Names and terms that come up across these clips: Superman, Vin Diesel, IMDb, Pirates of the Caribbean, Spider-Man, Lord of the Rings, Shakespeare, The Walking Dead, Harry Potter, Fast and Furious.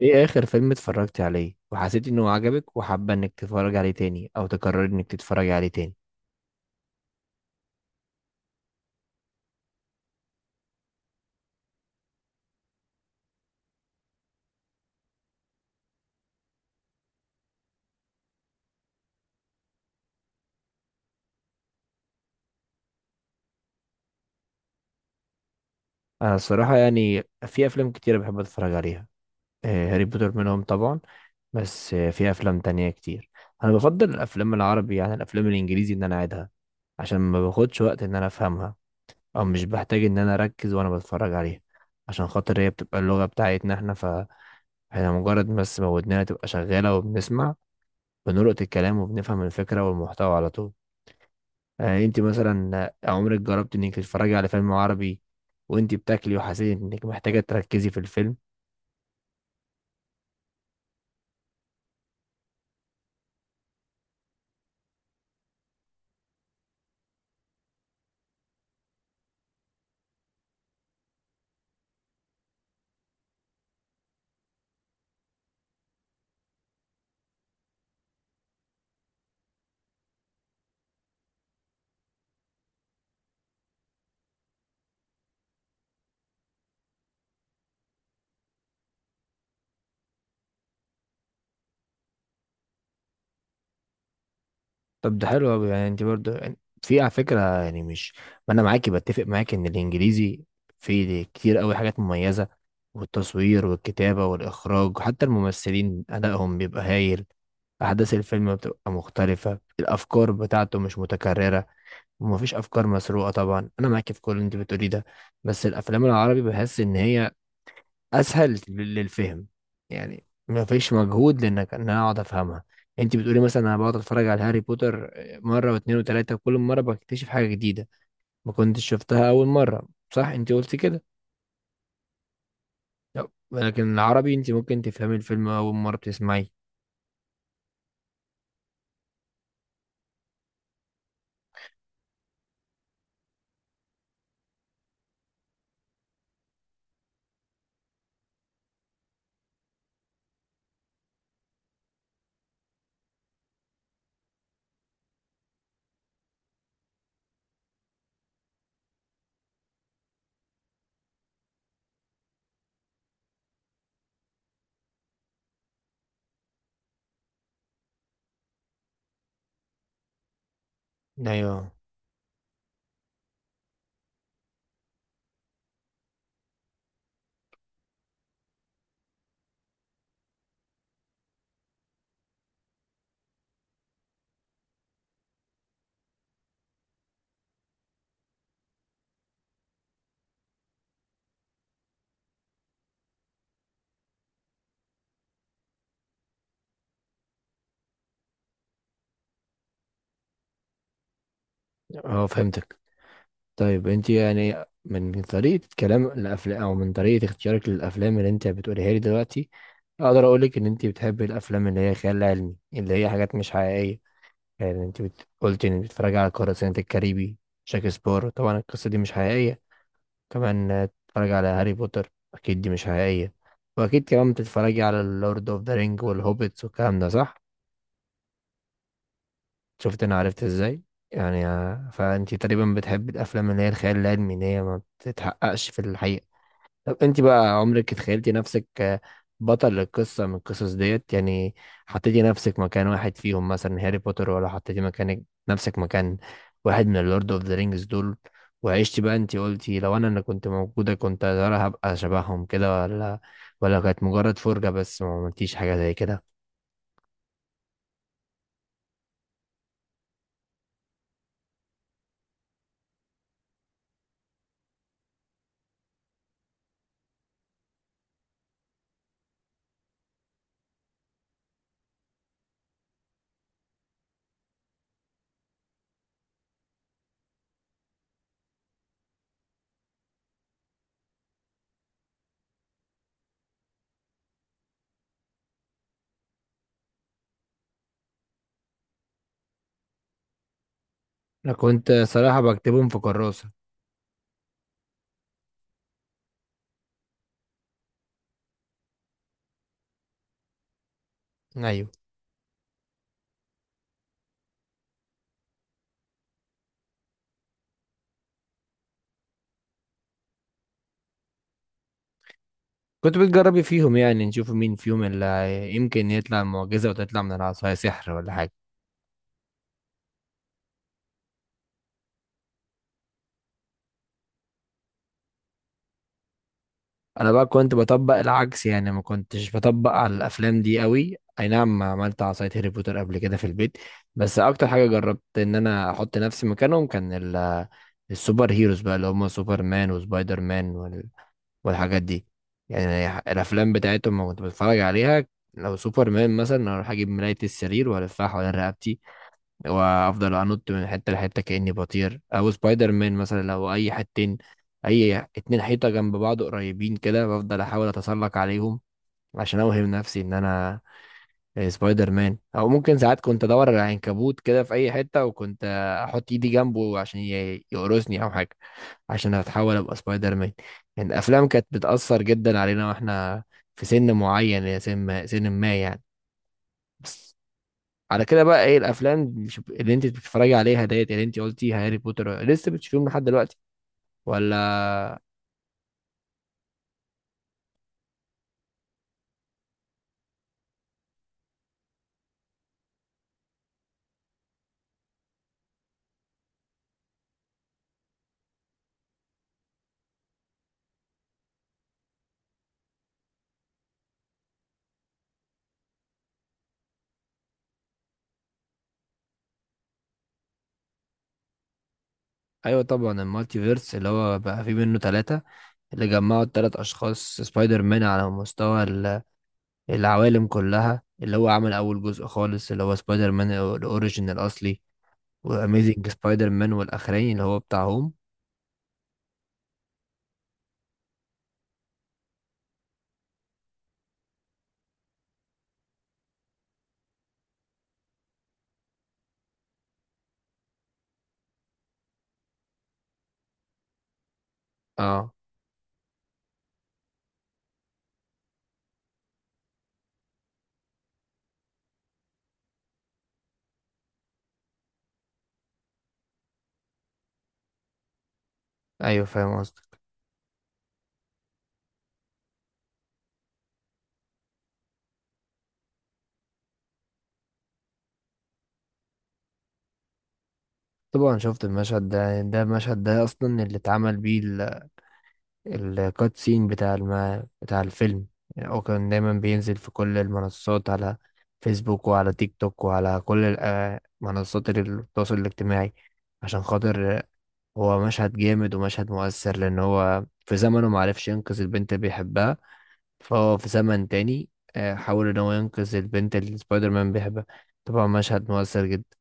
ايه اخر فيلم اتفرجت عليه وحسيت انه عجبك وحابه انك تتفرج عليه تاني او تقرر انك تتفرج عليه تاني؟ انا الصراحه يعني في افلام كتير بحب اتفرج عليها. هاري بوتر منهم طبعا. بس في افلام تانية كتير. انا بفضل الافلام العربي عن الافلام الانجليزي ان انا اعيدها، عشان ما باخدش وقت ان انا افهمها، او مش بحتاج ان انا اركز وانا بتفرج عليها، عشان خاطر هي بتبقى اللغه بتاعتنا احنا، فاحنا مجرد بس ما ودننا تبقى شغاله وبنسمع، بنلقط الكلام وبنفهم الفكره والمحتوى على طول. يعني انت مثلا عمرك جربت انك تتفرجي على فيلم عربي وانت بتاكلي وحسيت انك محتاجه تركزي في الفيلم؟ طب ده حلو قوي. يعني انت برضه يعني في على فكره يعني مش، ما انا معاكي، بتفق معاكي ان الانجليزي فيه كتير قوي حاجات مميزه، والتصوير والكتابه والاخراج، وحتى الممثلين ادائهم بيبقى هايل. احداث الفيلم بتبقى مختلفه، الافكار بتاعته مش متكرره ومفيش افكار مسروقه. طبعا انا معاكي في كل اللي انت بتقوليه ده. بس الافلام العربي بحس ان هي اسهل للفهم، يعني ما فيش مجهود لانك ان انا اقعد افهمها. انت بتقولي مثلا انا بقعد اتفرج على هاري بوتر، مره واثنين وثلاثه، وكل مره بكتشف حاجه جديده ما كنتش شفتها اول مره. صح، انت قلتي كده. لا، لكن العربي انت ممكن تفهمي الفيلم اول مره بتسمعيه. ايوه. اه، فهمتك. طيب انت يعني من طريقه كلام الافلام او من طريقه اختيارك للافلام اللي انت بتقوليها لي دلوقتي، اقدر اقولك ان انت بتحبي الافلام اللي هي خيال علمي، اللي هي حاجات مش حقيقيه. يعني انت قلت انك بتتفرج على قراصنة الكاريبي، شكسبير طبعا القصة دي مش حقيقية. كمان بتتفرج على هاري بوتر، اكيد دي مش حقيقية. واكيد كمان بتتفرجي على اللورد اوف ذا رينج والهوبيتس والكلام ده، صح؟ شفت؟ انا عرفت ازاي. يعني فانت تقريبا بتحبي الافلام اللي هي الخيال العلمي، اللي هي ما بتتحققش في الحقيقة. طب انت بقى عمرك اتخيلتي نفسك بطل القصة من القصص ديت يعني؟ حطيتي نفسك مكان واحد فيهم، مثلا هاري بوتر، ولا حطيتي مكانك، نفسك مكان واحد من اللورد اوف ذا رينجز دول، وعشتي بقى؟ انت قلتي لو انا اللي كنت موجودة كنت يا ترى هبقى شبههم كده، ولا كانت مجرد فرجة بس ما عملتيش حاجة زي كده؟ انا كنت صراحة بكتبهم في كراسة. ايوه، كنت بتجربي فيهم يعني نشوف مين فيهم اللي يمكن يطلع معجزة وتطلع من العصاية سحر ولا حاجة. انا بقى كنت بطبق العكس يعني، ما كنتش بطبق على الافلام دي قوي. اي نعم، عملت عصاية هاري بوتر قبل كده في البيت، بس اكتر حاجة جربت ان انا احط نفسي مكانهم كان السوبر هيروز بقى، اللي هم سوبر مان وسبايدر مان والحاجات دي. يعني الافلام بتاعتهم لما كنت بتفرج عليها، لو سوبر مان مثلا اروح اجيب ملاية السرير والفها حوالين رقبتي، وافضل انط من حته لحته كاني بطير. او سبايدر مان مثلا، لو اي حتتين، اي اتنين حيطه جنب بعض قريبين كده، بفضل احاول اتسلق عليهم عشان اوهم نفسي ان انا سبايدر مان. او ممكن ساعات كنت ادور على عنكبوت كده في اي حته، وكنت احط ايدي جنبه عشان يقرصني او حاجه، عشان اتحول ابقى سبايدر مان. يعني الافلام كانت بتاثر جدا علينا واحنا في سن معين، يا سن ما، يعني. على كده بقى، ايه الافلام اللي اللي انت بتتفرجي عليها ديت، اللي انت قلتي هاري بوتر، لسه بتشوفيهم لحد دلوقتي ولا؟ ايوه، طبعا المالتي فيرس اللي هو بقى فيه منه ثلاثة، اللي جمعوا الثلاث اشخاص سبايدر مان على مستوى العوالم كلها. اللي هو عمل اول جزء خالص اللي هو سبايدر مان الاوريجين الاصلي، واميزنج سبايدر مان، والاخراني اللي هو بتاع هوم. اه، ايوه فاهم قصدك. طبعا شفت المشهد ده. المشهد ده اصلا اللي اتعمل بيه الكات سين بتاع بتاع الفيلم. يعني هو كان دايما بينزل في كل المنصات، على فيسبوك وعلى تيك توك وعلى كل منصات التواصل الاجتماعي، عشان خاطر هو مشهد جامد ومشهد مؤثر، لأن هو في زمنه معرفش ينقذ البنت اللي بيحبها، فهو في زمن تاني حاول إن هو ينقذ البنت اللي سبايدر مان بيحبها. طبعا مشهد مؤثر جدا.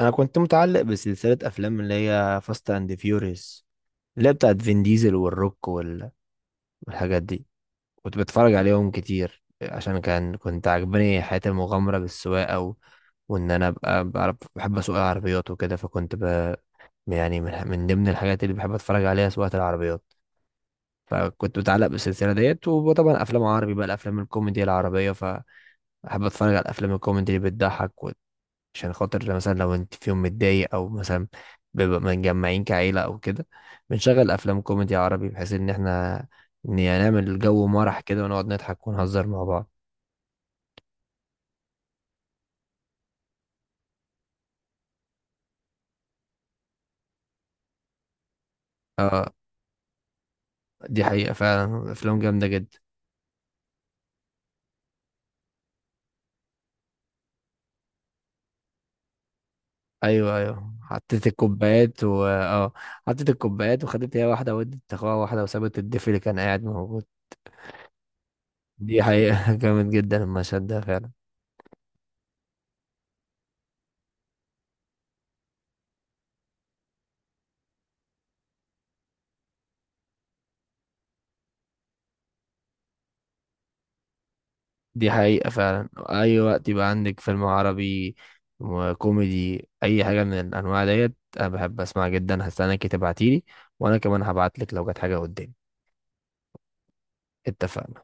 أنا كنت متعلق بسلسلة أفلام اللي هي فاست أند فيوريوس، اللي هي بتاعت فين ديزل والروك والحاجات دي. كنت بتفرج عليهم كتير عشان كان كنت عجباني حياة المغامرة بالسواقة وإن أنا أبقى بعرف، بحب أسوق العربيات وكده، يعني من ضمن الحاجات اللي بحب أتفرج عليها سواقة العربيات، فكنت متعلق بالسلسلة ديت. وطبعا أفلام عربي بقى، الأفلام الكوميدي العربية، فأحب أتفرج على الأفلام الكوميدي اللي بتضحك، عشان خاطر مثلا لو انت في يوم متضايق او مثلا بيبقى متجمعين كعيلة او كده، بنشغل افلام كوميدي عربي بحيث ان احنا يعني نعمل جو مرح كده ونقعد نضحك ونهزر مع بعض. دي حقيقة، فعلا افلام جامدة جدا. ايوه ايوه، حطيت الكوبايات، و حطيت الكوبايات وخدت هي واحدة، ودت اخوها واحدة، وسابت الضيف اللي كان قاعد موجود. دي حقيقة جامد جدا المشهد ده فعلا. دي حقيقة فعلا. أي وقت يبقى عندك فيلم عربي وكوميدي، أي حاجة من الأنواع ديت، أنا بحب أسمعها جدا. هستناكي تبعتيلي، وأنا كمان هبعتلك لو جت حاجة قدامي. اتفقنا.